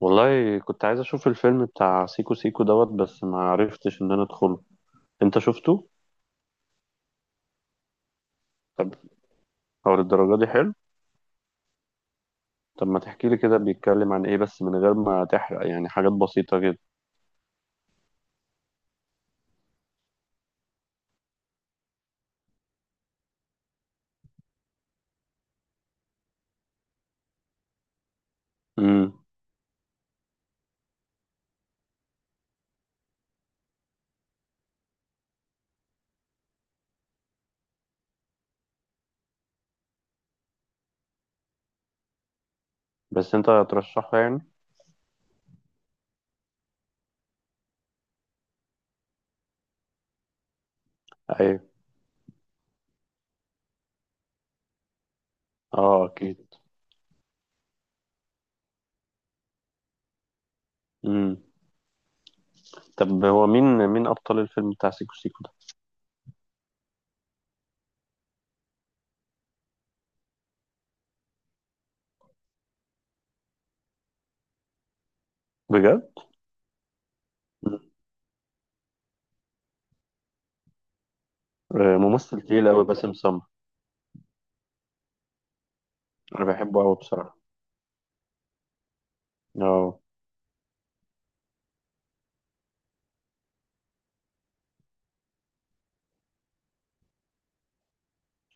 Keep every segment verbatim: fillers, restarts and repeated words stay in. والله كنت عايز اشوف الفيلم بتاع سيكو سيكو دوت، بس ما عرفتش ان انا ادخله. انت شفته؟ طب هو للدرجه دي حلو؟ طب ما تحكي لي كده، بيتكلم عن ايه؟ بس من غير ما تحرق يعني، حاجات بسيطه كده. امم. بس انت ترشحه يعني؟ ايوه، اه اكيد. امم. طب هو مين مين ابطال الفيلم بتاع سيكو سيكو ده؟ بجد؟ مم. آه، ممثل تقيل قوي باسم سمرة. انا بحبه قوي بصراحه. اه.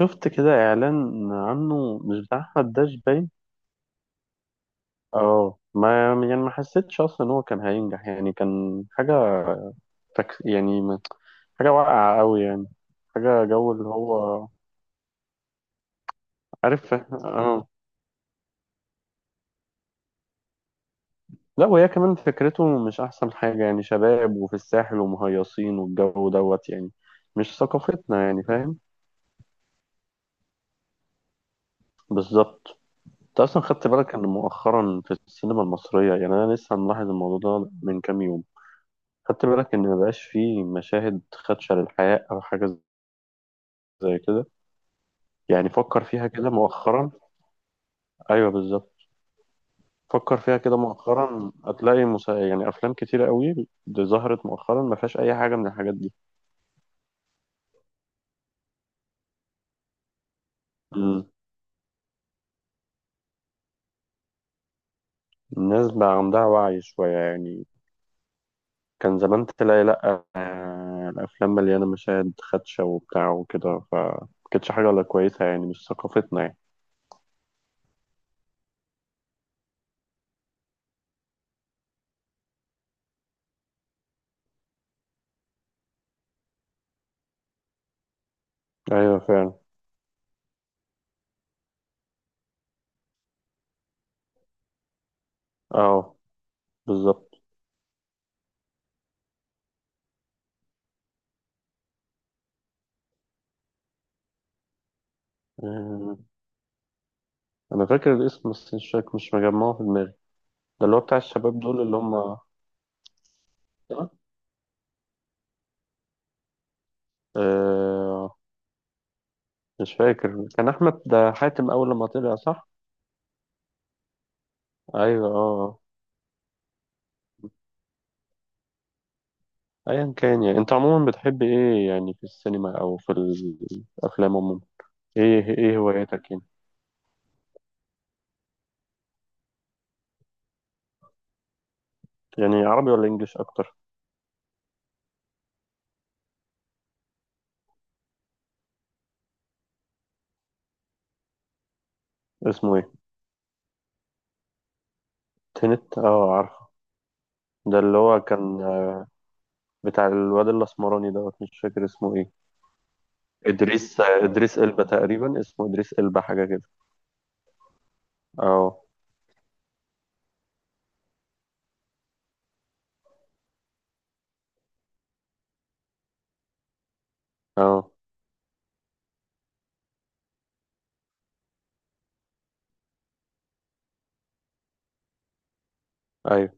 شفت كده اعلان عنه مش بتاع احمد داش باين. اه، ما يعني ما حسيتش اصلا ان هو كان هينجح يعني، كان حاجه تك... يعني ما- حاجه واقعه قوي يعني. حاجه جو اللي هو. عارف، اه. لا، وهي كمان فكرته مش احسن حاجه يعني، شباب وفي الساحل ومهيصين والجو دوت يعني. مش ثقافتنا يعني، فاهم. بالظبط. انت اصلا خدت بالك ان مؤخرا في السينما المصريه، يعني انا لسه ملاحظ الموضوع ده من كام يوم؟ خدت بالك ان مبقاش فيه مشاهد خدشه للحياه او حاجه؟ زي كده. يعني فكر فيها كده مؤخرا. ايوه بالظبط. فكر فيها كده مؤخرا هتلاقي مسا... يعني افلام كتيره قوي دي ظهرت مؤخرا ما فيهاش اي حاجه من الحاجات دي. مم. الناس بقى عندها وعي شويه يعني. كان زمان تلاقي، لا آه، الافلام مليانه مشاهد خدشه وبتاع وكده، ف ما كانتش حاجه ولا كويسه يعني، مش ثقافتنا يعني. ايوه فعلا. اه. بالظبط. آه، انا فاكر الاسم بس مش فاكر، مش مجمعه في دماغي. ده اللي هو بتاع الشباب دول اللي هم. آه، مش فاكر، كان احمد حاتم اول لما طلع، صح؟ ايوه اه آه. ايا كان، يعني انت عموما بتحب ايه يعني في السينما او في الافلام عموما؟ ايه ايه هواياتك يعني؟ يعني عربي ولا انجليش اكتر؟ اسمه ايه؟ تنت، اه عارفه. ده اللي هو كان بتاع الواد الاسمراني دوت، مش فاكر اسمه ايه. ادريس ادريس البا تقريبا، اسمه ادريس البا حاجه كده. اه اه، ايوه.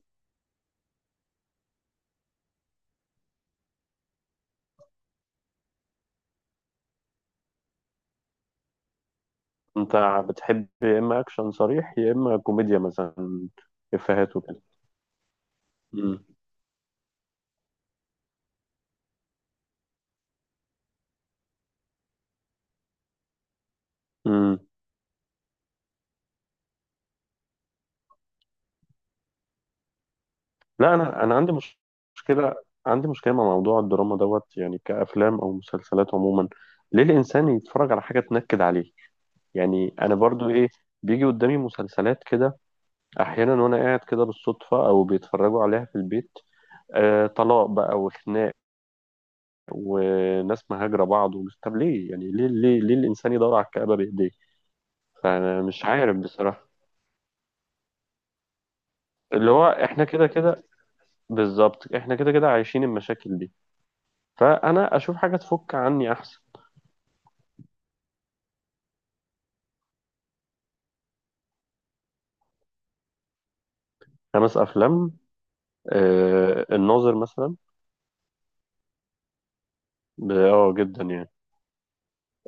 انت بتحب يا اما اكشن صريح يا اما كوميديا مثلا؟ افيهات وكده. امم. لا، انا انا عندي مش- مشكله. عندي مشكله مع موضوع الدراما دوت يعني، كافلام او مسلسلات عموما. ليه الانسان يتفرج على حاجه تنكد عليه؟ يعني انا برضو ايه، بيجي قدامي مسلسلات كده احيانا وانا قاعد كده بالصدفه، او بيتفرجوا عليها في البيت. آه، طلاق بقى وخناق وناس مهاجره بعض ومش، طب ليه يعني؟ ليه ليه ليه الانسان يدور على الكآبه بايديه؟ فانا مش عارف بصراحه. اللي هو احنا كده كده. بالظبط، احنا كده كده عايشين المشاكل دي. فانا اشوف حاجه تفك عني احسن. خمس أفلام. آه، الناظر مثلا. ب- اه جدا يعني.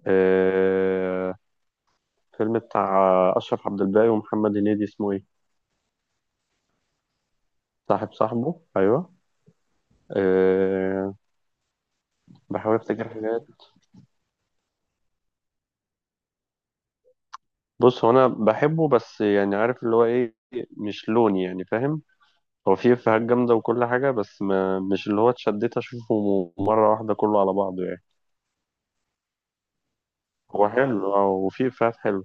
آه. فيلم بتاع أشرف عبد الباقي ومحمد هنيدي، اسمه إيه؟ صاحب صاحبه، أيوه. آه. بحاول أفتكر حاجات. بص، هو أنا بحبه بس يعني، عارف اللي هو إيه؟ مش لوني يعني، فاهم. هو فيه إفيهات جامدة وكل حاجة، بس ما مش اللي هو اتشديت أشوفه مرة واحدة كله على بعضه يعني. هو حلو اه، وفيه إفيهات حلوة.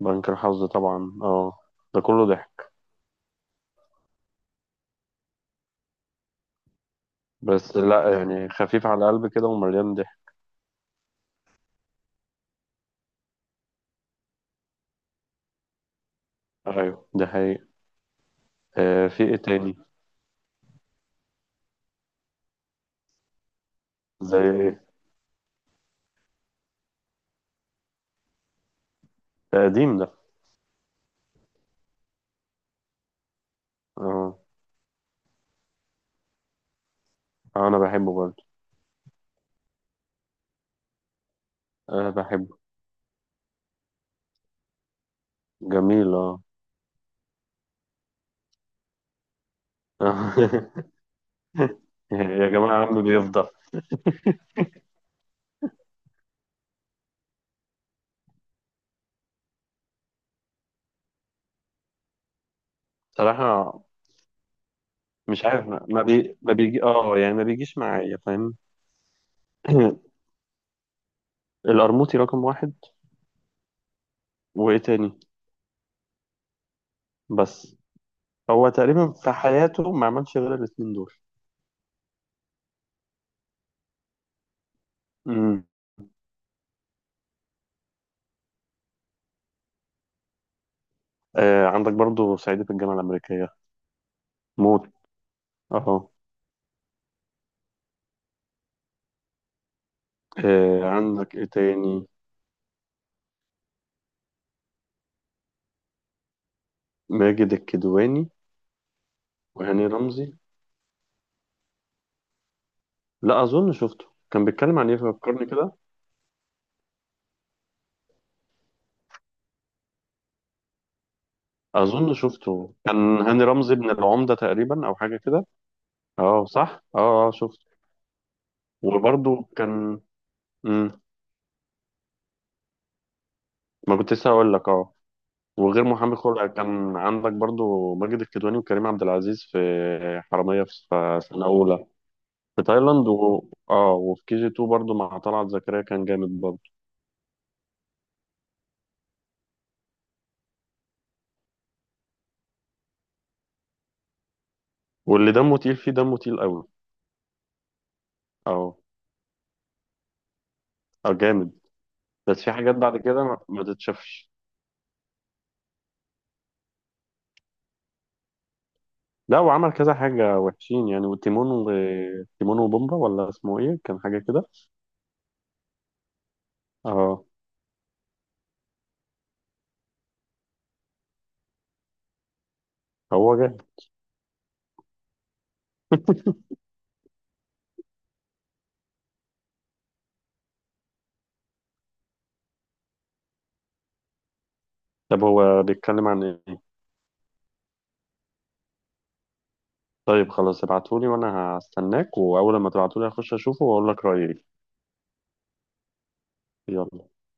بنك الحظ، طبعا اه. ده كله ضحك. بس لا يعني، خفيف على القلب كده ومليان ضحك. ايوه ده حقيقي. آه، في ايه تاني؟ زي ايه؟ ده قديم ده. اه. آه، انا بحبه برضه. انا بحبه. جميل، اه. يا جماعة عم بيفضل. صراحة. مش عارف، ما ما بي ما بيجي اه يعني، ما بيجيش معايا، فاهم. القرموطي رقم واحد. وايه تاني؟ بس. هو تقريبا في حياته ما عملش غير الاتنين دول. امم. آه، عندك برضه صعيدي في الجامعة الأمريكية. موت. اه. آه، عندك ايه تاني؟ ماجد الكدواني وهاني رمزي. لا، اظن شفته. كان بيتكلم عن ايه فكرني كده؟ اظن شفته كان هاني رمزي ابن العمدة تقريبا، او حاجة كده. اه صح، اه اه شفته. وبرضو كان. مم. ما كنت لسه هقول لك، اه. وغير محامي خلع، كان عندك برضو ماجد الكدواني وكريم عبد العزيز في حرامية، في في سنة أولى، في تايلاند و... اه وفي كي جي اتنين برضو مع طلعت زكريا، كان جامد برضو. واللي دمه تقيل فيه، دمه تقيل قوي. اه اه، جامد. بس في حاجات بعد كده ما ما تتشافش. لا، وعمل كذا حاجة وحشين يعني، وتيمون و... تيمون وبومبا، ولا اسمه ايه، كان حاجة كده. اه. هو جاي. طب هو بيتكلم عن ايه؟ طيب خلاص ابعتولي، وانا هستناك واول ما تبعتولي هخش اشوفه واقول لك رأيي إيه. يلا.